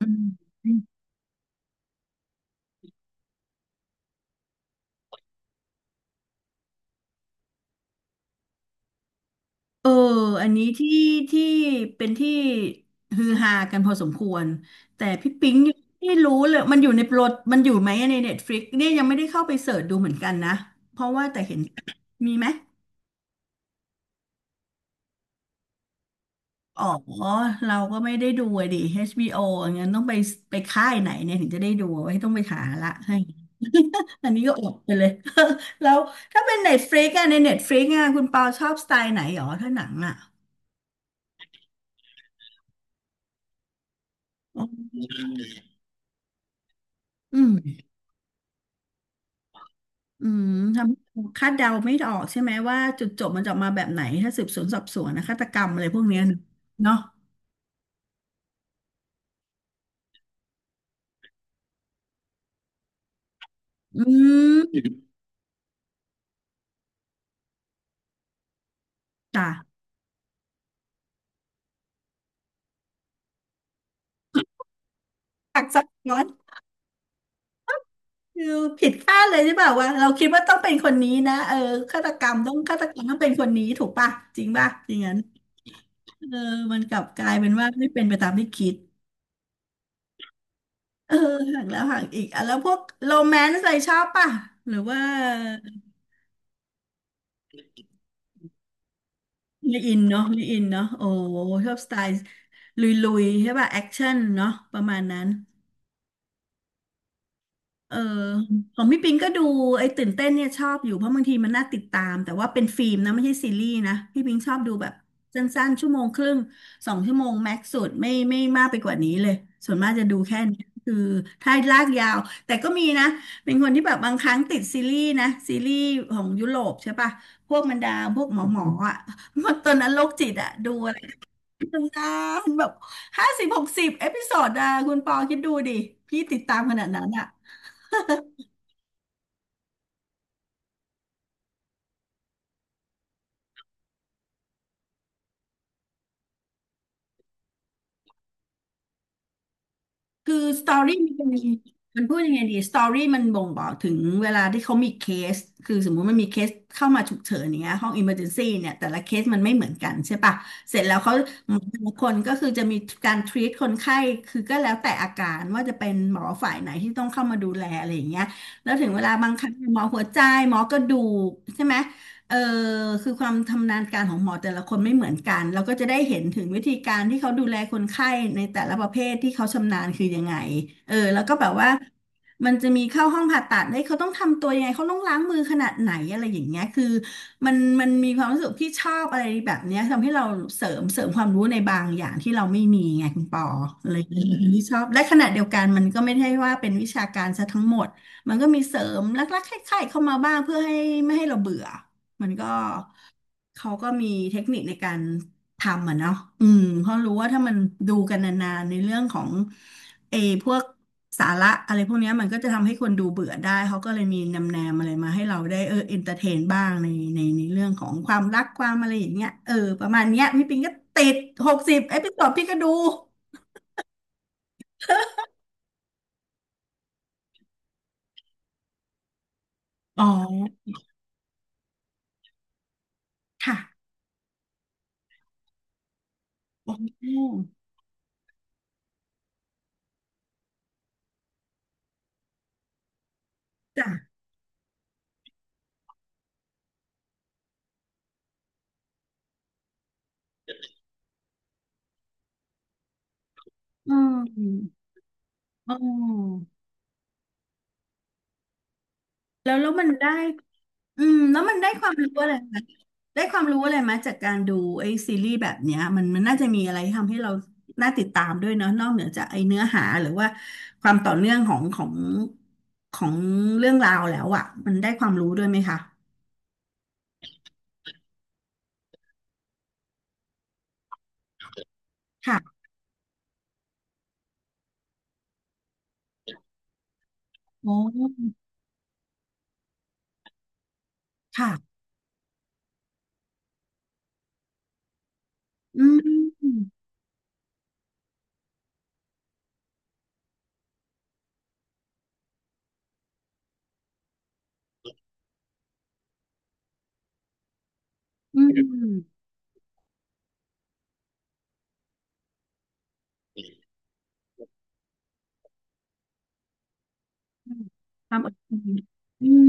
อืมเอออันนี้ที่เป็นที่ฮือฮากันพอสมควรแต่พี่ปิ๊งยังไม่รู้เลยมันอยู่ในโปรดมันอยู่ไหมในเน็ตฟลิกเนี่ยยังไม่ได้เข้าไปเสิร์ชดูเหมือนกันนะเพราะว่าแต่เห็นมีไหมอ๋อเราก็ไม่ได้ดูอะดิ HBO อชบีโออย่างงั้นต้องไปไปค่ายไหนเนี่ยถึงจะได้ดูไว้ต้องไปหาละ ให้ อันนี้ก็อดไปเลย แล้วถ้าเป็นเน็ตฟลิกอะในเน็ตฟลิกอะคุณปาชอบสไตล์ไหนหรอถ้าหนังอะอืม อืมทำคาดเดาไม่ออกใช่ไหมว่าจุดจบมันจะออกมาแบบไหนถ้าสืบสวนสอบสวนนะฆาตกรรมอะไรพวกเนี้ยเนาะอืมจ้ะหักซับซ้อนคือผิดคาดเลยใช่ป่ะว่าเราคิดว่าต้องเป็นคนนี้นะเออฆาตกรรมต้องฆาตกรรมต้องเป็นคนนี้ถูกป่ะจริงป่ะอย่างนั้นเออมันกลับกลายเป็นว่าไม่เป็นไปตามที่คิดเออหักแล้วหักอีกอ่ะแล้วพวกโรแมนต์อะไรชอบป่ะหรือว่า ไมอินเนาะไมอินเนาะโอ้ชอบสไตล์ลุยๆใช่ป่ะแอคชั่นเนาะประมาณนั้นเออของพี่ปิงก็ดูไอ้ตื่นเต้นเนี่ยชอบอยู่เพราะบางทีมันน่าติดตามแต่ว่าเป็นฟิล์มนะไม่ใช่ซีรีส์นะพี่ปิงชอบดูแบบสั้นๆชั่วโมงครึ่งสองชั่วโมงแม็กซ์สุดไม่มากไปกว่านี้เลยส่วนมากจะดูแค่นี้คือถ้าลากยาวแต่ก็มีนะเป็นคนที่แบบบางครั้งติดซีรีส์นะซีรีส์ของยุโรปใช่ป่ะพวกบรรดาพวกหมออ่ะ พวกตอนนั้นโรคจิตอะดู นานแบบ50 60 เอพิโซดอะคุณปอคิดดูดิ พี่ติดตามขนาดนั้นอะคือสตอรี่มันมีมันพูดยังไงดีสตอรี่มันบ่งบอกถึงเวลาที่เขามีเคสคือสมมุติมันมีเคสเข้ามาฉุกเฉินอย่างเงี้ยห้องอิมเมอร์เจนซี่เนี่ยแต่ละเคสมันไม่เหมือนกันใช่ปะเสร็จแล้วเขาหมอแต่ละคนก็คือจะมีการทรีตคนไข้ คือก็แล้วแต่อาการว่าจะเป็นหมอฝ่ายไหนที่ต้องเข้ามาดูแลอะไรอย่างเงี้ยแล้วถึงเวลาบางครั้งหมอหัวใจหมอกระดูกใช่ไหม เออคือความทำนาญการของหมอแต่ละคนไม่เหมือนกันเราก็จะได้เห็นถึงวิธีการที่เขาดูแลคนไข้ในแต่ละประเภทที่เขาชำนาญคือยังไงเออแล้วก็แบบว่ามันจะมีเข้าห้องผ่าตัดได้ยเขาต้องทำตัวยังไงเขาต้องล้างมือขนาดไหนอะไรอย่างเงี้ยคือมันมีความรู้สึกที่ชอบอะไรแบบเนี้ยทำให้เราเสริมความรู้ในบางอย่างที่เราไม่มีไงคุณปออะไรอย่างเลยที่ชอบและขณะเดียวกันมันก็ไม่ใช่ว่าเป็นวิชาการซะทั้งหมดมันก็มีเสริมลักๆคล้ายๆเข้ามาบ้างเพื่อให้ไม่ให้เราเบื่อ มันก็เขาก็มีเทคนิคในการทำอ่ะเนาะอืมเพราะรู้ว่าถ้ามันดูกันนานๆในเรื่องของเออพวกสาระอะไรพวกเนี้ยมันก็จะทำให้คนดูเบื่อได้เขาก็เลยมีนำแนมอะไรมาให้เราได้เออเอนเตอร์เทนบ้างในเรื่องของความรักความอะไรอย่างเงี้ยเออประมาณเนี้ยพี่ปิงก็ติดหกสิบเอพิโซดพี่ก็ดูอ๋อค่ะโอ้จ้ะอืมแล้วมันได้ อืมแล้วมันได้ความรู้อะไรไหมได้ความรู้อะไรไหมจากการดูไอ้ซีรีส์แบบเนี้ยมันน่าจะมีอะไรทำให้เราน่าติดตามด้วยเนาะนอกเหนือจากไอ้เนื้อหาหรือว่าความต่อเนื่องของเรื่องราวแล้วอ่ะมันได้ความรู้ด้วยไหมคะค่ะโอ้ค่ะอืมอือืมความอดทนอืม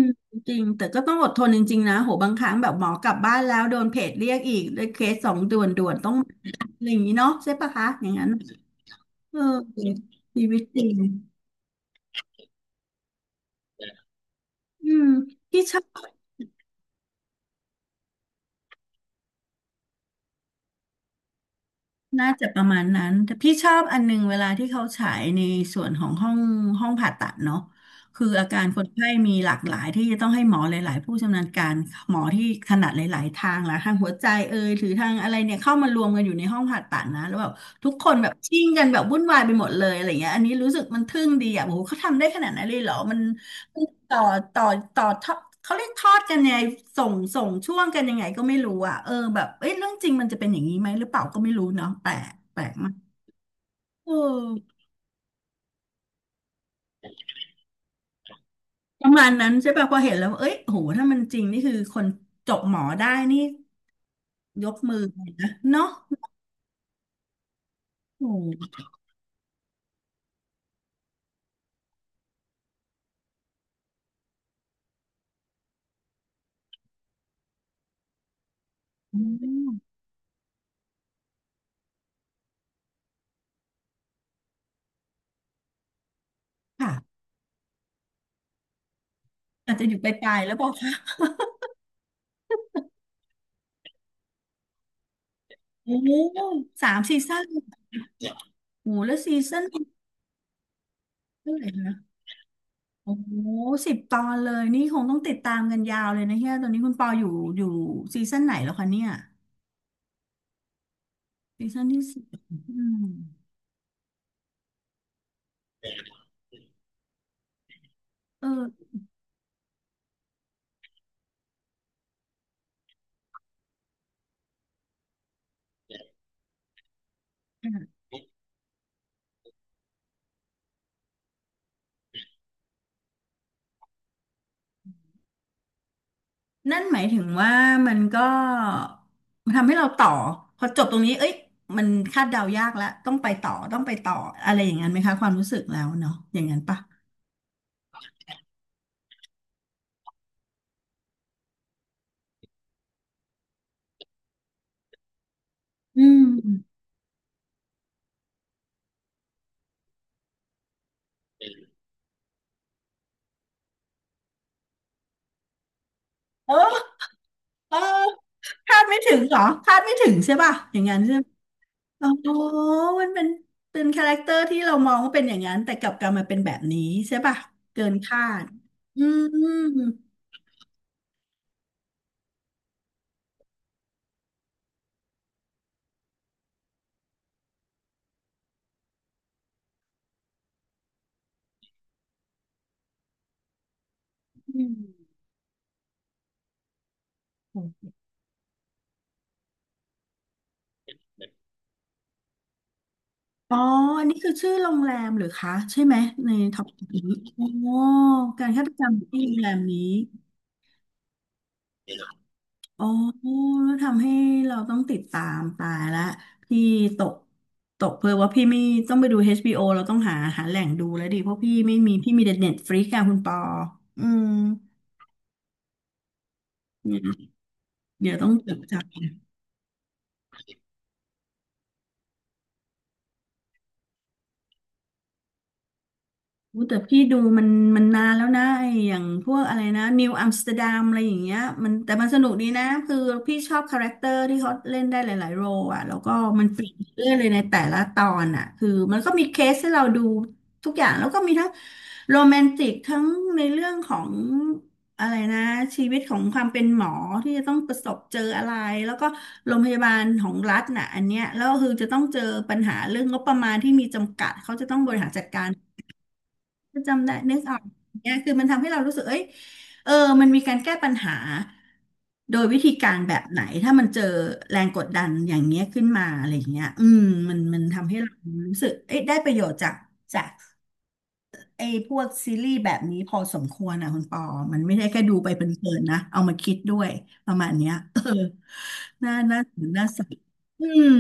จริงแต่ก็ต้องอดทนจริงๆนะโหบางครั้งแบบหมอกลับบ้านแล้วโดนเพจเรียกอีกด้วยเคสสองด่วนต้องอะไรอย่างนี้เนาะใช่ปะคะอย่างนั้น เออชีวิตจริงอืมพี่ชอบน่าจะประมาณนั้นแต่พี่ชอบอันหนึงเวลาที่เขาฉายในส่วนของห้องผ่าตัดเนาะคืออาการคนไข้มีหลากหลายที่จะต้องให้หมอหลายๆผู้ชำนาญการหมอที่ถนัดหลายๆทางละทางหัวใจเอยหรือทางอะไรเนี่ยเข้ามารวมกันอยู่ในห้องผ่าตัดนะแล้วแบบทุกคนแบบชิ่งกันแบบวุ่นวายไปหมดเลยอะไรเงี้ยอันนี้รู้สึกมันทึ่งดีอ่ะโอ้โหเขาทำได้ขนาดนั้นเลยเหรอมัน ต่อต่อต่อทอดเขาเรียกทอดกันยังไงส่งช่วงกันยังไงก็ไม่รู้อ่ะเออแบบเอ้ยเรื่องจริงมันจะเป็นอย่างนี้ไหมหรือเปล่าก็ไม่รู้เนาะแปลกมากเออประมาณนั้นใช่ป่ะพอเห็นแล้วเอ้ยโหถ้ามันจริงนี่คือคนจบหมอได้นี่ยกมือเลยนะเนาะโอ้โหอืมค่ะอาจจะอยู่ปลายๆแล้วบอกค่ะโอ้สามซีซั่นโอ้แล้วซีซั่นเท่าไหร่คะ โอ้สิบตอนเลยนี่คงต้องติดตามกันยาวเลยนะเฮียตอนนี้คุณปออยู่อยู่ซีซั่นไหนแล้วคะเนี่ยซีซั่นที่สิบอืมเออนั่นหมายถึงว่ามันก็ทำให้เราต่อพอจบตรงนี้เอ้ยมันคาดเดายากแล้วต้องไปต่อต้องไปต่ออะไรอย่างนั้นไหมคะความรู้สึกแล้วเนาะอย่างนั้นปะอืมเออเออคาดไม่ถึงเหรอคาดไม่ถึงใช่ป่ะอย่างนั้นใช่ อ๋อ มันเป็นคาแรคเตอร์ที่เรามองว่าเป็นอย่างนั้นแต่กลับกลายมาเป็นแบบนี้ใช่ป่ะเกินคาดอืมอืมอืมอ๋อ อันนี้คือชื่อโรงแรมเหรือคะใช่ไหมในท็อปนี้อ๋อ การฆาตกรรมที่โรงแรมนี้ อ๋อ แล้วทำให้เราต้องติดตามตายละพี่ตกตกเพลอว่าพี่ไม่ต้องไปดู HBO เราต้องหาแหล่งดูแล้วดิเพราะพี่ไม่มีพี่มีแต่เน็ตฟลิกซ์อะคุณปออืม เดี๋ยวต้องจดจำนะ อู้แต่พี่ดูมันมันนานแล้วนะไอ้อย่างพวกอะไรนะนิวอัมสเตอร์ดัมอะไรอย่างเงี้ยมันแต่มันสนุกดีนะคือพี่ชอบคาแรคเตอร์ที่เขาเล่นได้หลายๆโรลอ่ะแล้วก็มันเปลี่ยนเรื่อยเลยในแต่ละตอนอ่ะคือมันก็มีเคสให้เราดูทุกอย่างแล้วก็มีทั้งโรแมนติกทั้งในเรื่องของอะไรนะชีวิตของความเป็นหมอที่จะต้องประสบเจออะไรแล้วก็โรงพยาบาลของรัฐน่ะอันเนี้ยแล้วก็คือจะต้องเจอปัญหาเรื่องงบประมาณที่มีจำกัดเขาจะต้องบริหารจัดการ จำได้นึกออกเนี่ยคือมันทำให้เรารู้สึกเอ้ยเออมันมีการแก้ปัญหาโดยวิธีการแบบไหนถ้ามันเจอแรงกดดันอย่างเงี้ยขึ้นมาอะไรอย่างเงี้ยอืมมันมันทำให้เรารู้สึกเอ้ยได้ประโยชน์จากไอ้พวกซีรีส์แบบนี้พอสมควรอ่ะคุณปอมันไม่ได้แค่ดูไปเพลินๆนะเอามาคิดด้วยประมาณเนี้ยเออน่าน่านน่าสนอืม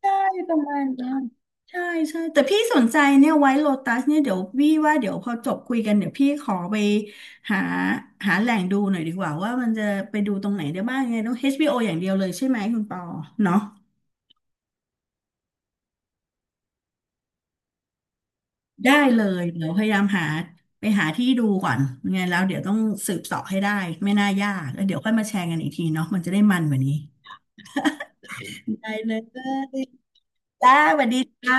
ใช่ประมาณนั้ยใช่ใช่แต่พี่สนใจเนี่ยไว้โลตัสเนี่ยเดี๋ยวพี่ว่าเดี๋ยวพอจบคุยกันเดี๋ยวพี่ขอไปหาหาแหล่งดูหน่อยดีกว่าว่ามันจะไปดูตรงไหนได้บ้างไงต้อง HBO อชบีโออย่างเดียวเลยใช่ไหมคุณปอเนาะได้เลยเดี๋ยวพยายามหาไปหาที่ดูก่อนยังไงแล้วเดี๋ยวต้องสืบเสอบให้ได้ไม่น่ายากแล้วเดี๋ยวค่อยมาแชร์กันอีกทีเนาะมันจะได้มันกว่านี้ได้เลยจ้าสวัสดีจ้า